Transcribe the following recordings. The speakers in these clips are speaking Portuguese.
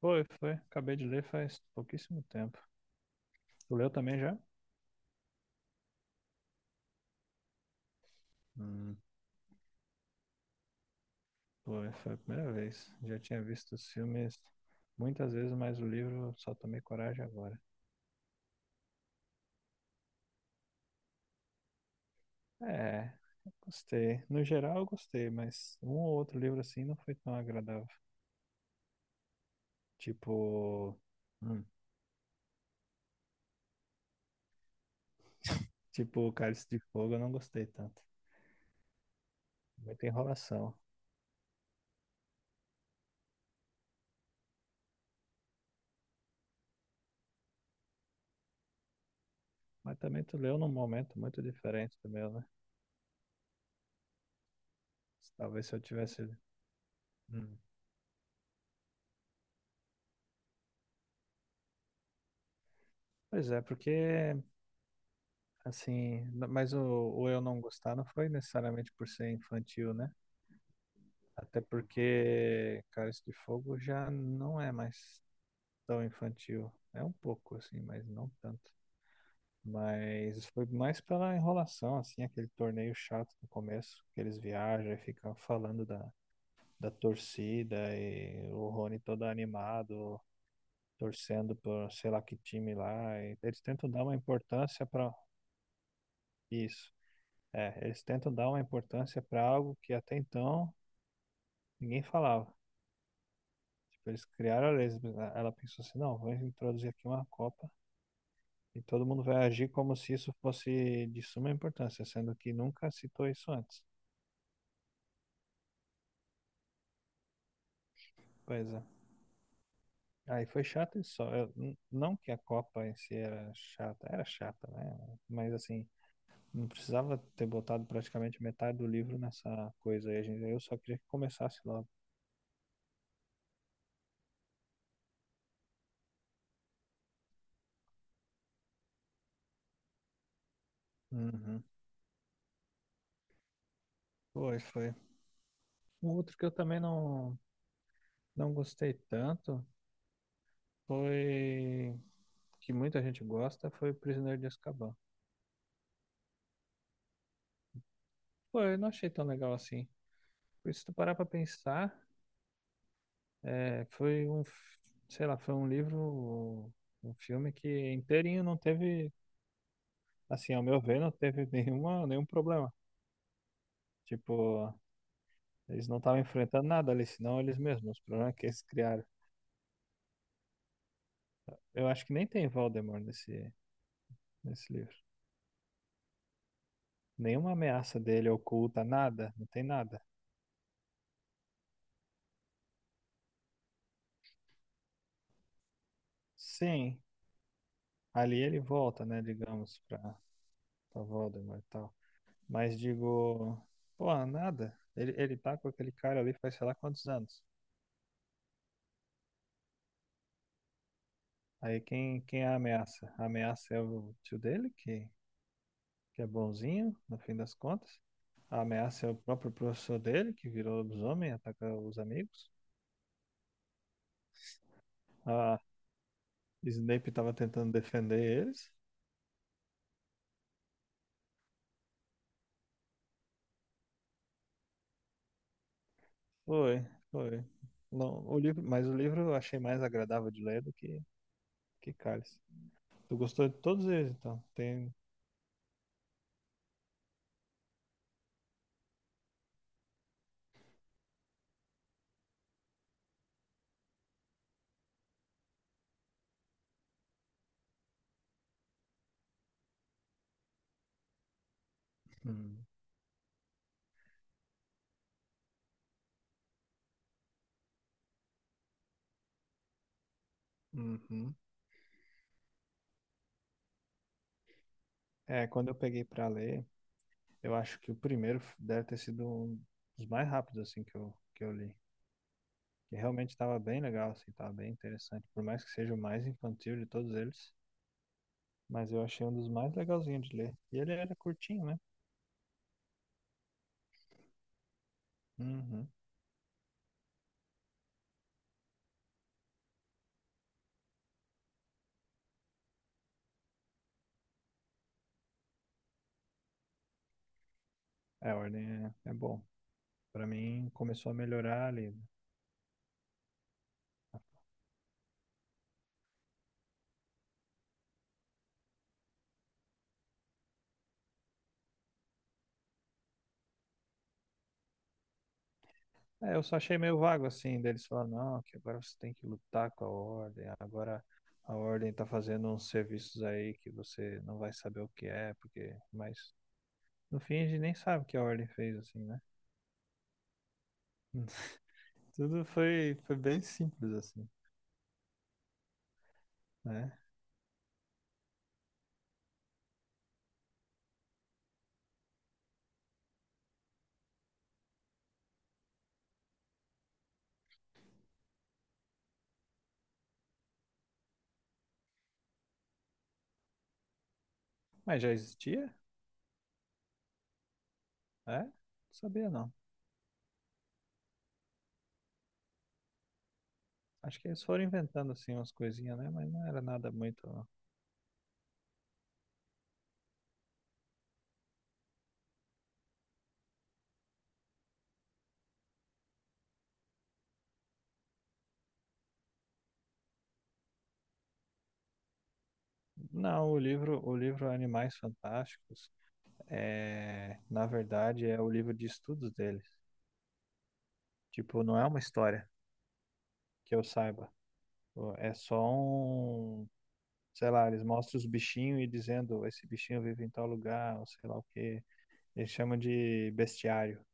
Foi, foi. Acabei de ler faz pouquíssimo tempo. Tu leu também já? Hum, foi, foi a primeira vez. Já tinha visto os filmes muitas vezes, mas o livro só tomei coragem agora. É, gostei. No geral, eu gostei, mas um ou outro livro assim não foi tão agradável. Tipo, hum, tipo Cálice de Fogo, eu não gostei tanto. Muita enrolação. Mas também tu leu num momento muito diferente do meu, né? Talvez se eu tivesse. Hum. Pois é, porque assim, mas o eu não gostar não foi necessariamente por ser infantil, né? Até porque Cálice de Fogo já não é mais tão infantil. É um pouco, assim, mas não tanto. Mas foi mais pela enrolação, assim, aquele torneio chato no começo, que eles viajam e ficam falando da torcida e o Rony todo animado, torcendo por sei lá que time lá. E eles tentam dar uma importância para isso. É, eles tentam dar uma importância para algo que até então ninguém falava. Tipo, eles criaram a lesma. Ela pensou assim, não, vamos introduzir aqui uma Copa e todo mundo vai agir como se isso fosse de suma importância, sendo que nunca citou isso antes. Pois é. Aí foi chato isso só. Não que a Copa em si era chata, né? Mas assim, não precisava ter botado praticamente metade do livro nessa coisa aí. Eu só queria que começasse logo. Uhum. Foi, foi. Um outro que eu também não gostei tanto foi que muita gente gosta foi o Prisioneiro de Azkaban. Pô, eu não achei tão legal assim. Porque se tu parar pra pensar, foi sei lá, foi um livro, um filme que inteirinho não teve, assim, ao meu ver, não teve nenhum problema. Tipo, eles não estavam enfrentando nada ali, senão eles mesmos, os problemas que eles criaram. Eu acho que nem tem Voldemort nesse livro. Nenhuma ameaça dele oculta, nada, não tem nada. Sim, ali ele volta, né, digamos, pra Voldemort e tal. Mas digo, pô, nada. Ele tá com aquele cara ali faz sei lá quantos anos. Aí quem é a ameaça? A ameaça é o tio dele, que é bonzinho, no fim das contas. A ameaça é o próprio professor dele, que virou lobisomem, ataca os amigos. A Snape tava tentando defender eles. Foi, foi. Não, o livro, mas o livro eu achei mais agradável de ler do que Cálice. Tu gostou de todos eles, então? Tem, hum, uhum. É, quando eu peguei pra ler, eu acho que o deve ter sido um dos mais rápidos assim que que eu li. Que realmente estava bem legal, assim, estava bem interessante. Por mais que seja o mais infantil de todos eles, mas eu achei um dos mais legalzinhos de ler. E ele era curtinho, né? Uhum. É, a ordem é, é bom. Pra mim, começou a melhorar ali. É, eu só achei meio vago assim, deles falando, não, que agora você tem que lutar com a ordem, agora a ordem tá fazendo uns serviços aí que você não vai saber o que é, porque. Mas no fim a gente nem sabe o que a ordem fez, assim, né? Tudo foi, foi bem simples, assim, né? Mas já existia? É? Não sabia não. Acho que eles foram inventando assim umas coisinhas, né? Mas não era nada muito. Não, não, o livro Animais Fantásticos, é, na verdade, é o livro de estudos dele. Tipo, não é uma história que eu saiba. Pô, é só um. Sei lá, eles mostram os bichinhos e dizendo esse bichinho vive em tal lugar, ou sei lá o quê. Eles chamam de bestiário.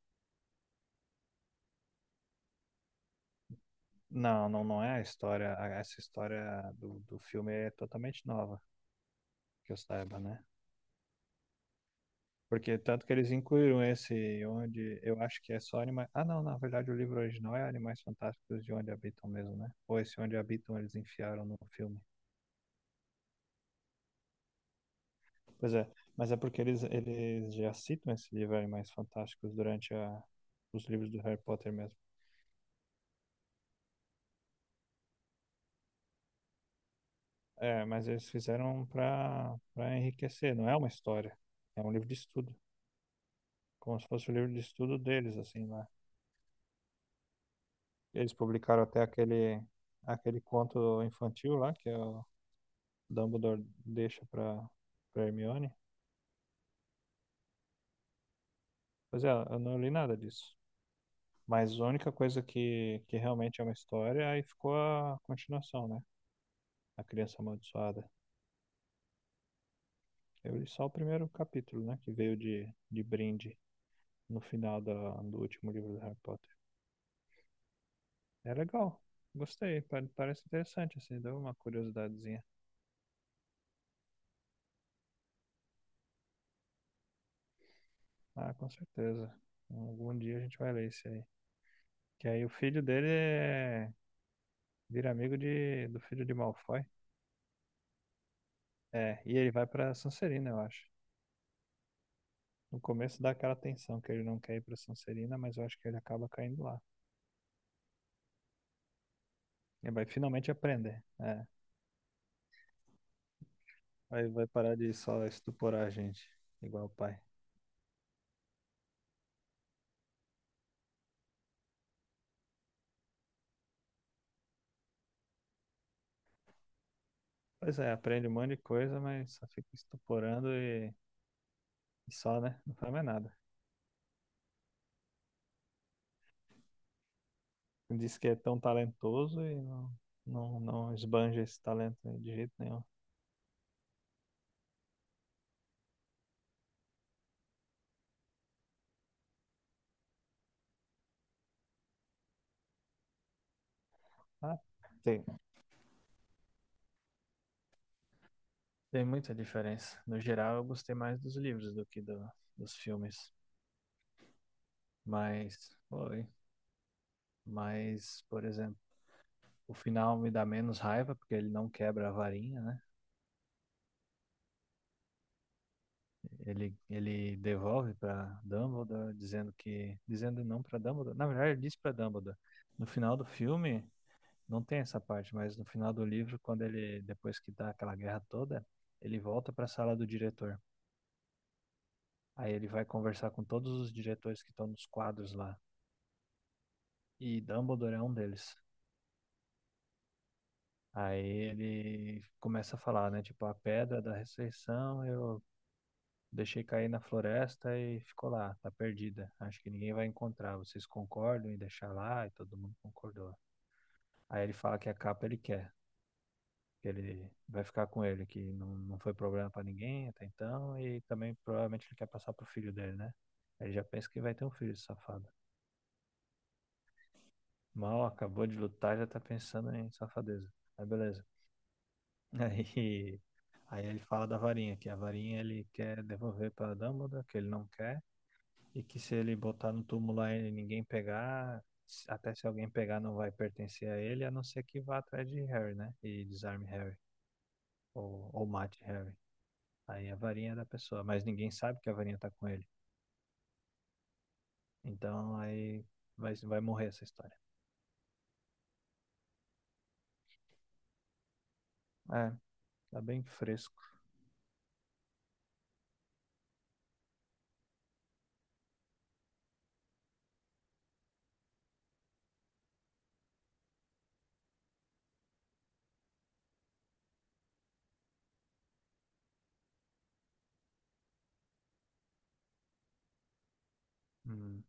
Não, não, não é a história. Essa história do filme é totalmente nova, que eu saiba, né? Porque tanto que eles incluíram esse, onde eu acho que é só animais. Ah, não, na verdade o livro original é Animais Fantásticos de Onde Habitam mesmo, né? Ou esse Onde Habitam eles enfiaram no filme. Pois é, mas é porque eles já citam esses livros Animais Fantásticos durante os livros do Harry Potter mesmo. É, mas eles fizeram para enriquecer, não é uma história, é um livro de estudo, como se fosse o livro de estudo deles, assim, lá. Eles publicaram até aquele, aquele conto infantil lá, que é o Dumbledore deixa para Hermione. Pois é, eu não li nada disso. Mas a única coisa que realmente é uma história, aí ficou a continuação, né? A Criança Amaldiçoada. Eu li só o primeiro capítulo, né? Que veio de brinde no final do último livro do Harry Potter. É legal. Gostei. Parece interessante, assim. Deu uma curiosidadezinha. Ah, com certeza. Algum dia a gente vai ler isso aí. Que aí o filho dele é... vira amigo de... do filho de Malfoy. É, e ele vai pra Sonserina, eu acho. No começo dá aquela tensão que ele não quer ir pra Sonserina, mas eu acho que ele acaba caindo lá. Ele vai finalmente aprender. É. Aí vai parar de só estuporar a gente, igual o pai. Pois é, aprende um monte de coisa, mas só fica estuporando e só, né? Não faz mais nada. Diz que é tão talentoso e não, não, não esbanja esse talento de jeito nenhum. Ah, tem, tem muita diferença. No geral, eu gostei mais dos livros do que dos filmes. Mas, foi. Mas, por exemplo, o final me dá menos raiva porque ele não quebra a varinha, né? Ele devolve para Dumbledore, dizendo que. Dizendo não para Dumbledore. Na verdade, ele diz para Dumbledore. No final do filme. Não tem essa parte, mas no final do livro, quando ele, depois que dá aquela guerra toda, ele volta para a sala do diretor. Aí ele vai conversar com todos os diretores que estão nos quadros lá. E Dumbledore é um deles. Aí ele começa a falar, né? Tipo, a pedra da ressurreição eu deixei cair na floresta e ficou lá, tá perdida. Acho que ninguém vai encontrar. Vocês concordam em deixar lá? E todo mundo concordou. Aí ele fala que a capa ele quer. Que ele vai ficar com ele, que não, não foi problema pra ninguém até então, e também provavelmente ele quer passar pro filho dele, né? Ele já pensa que vai ter um filho, esse safado. Mal acabou de lutar, já tá pensando em safadeza. Aí beleza. Aí, aí ele fala da varinha, que a varinha ele quer devolver pra Dumbledore, que ele não quer, e que se ele botar no túmulo lá e ninguém pegar, até se alguém pegar não vai pertencer a ele, a não ser que vá atrás de Harry, né? E desarme Harry, ou mate Harry. Aí a varinha é da pessoa, mas ninguém sabe que a varinha tá com ele. Então aí vai morrer essa história. É, tá bem fresco. Hum,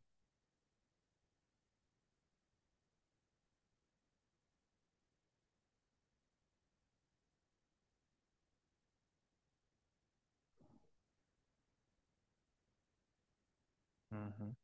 uhum.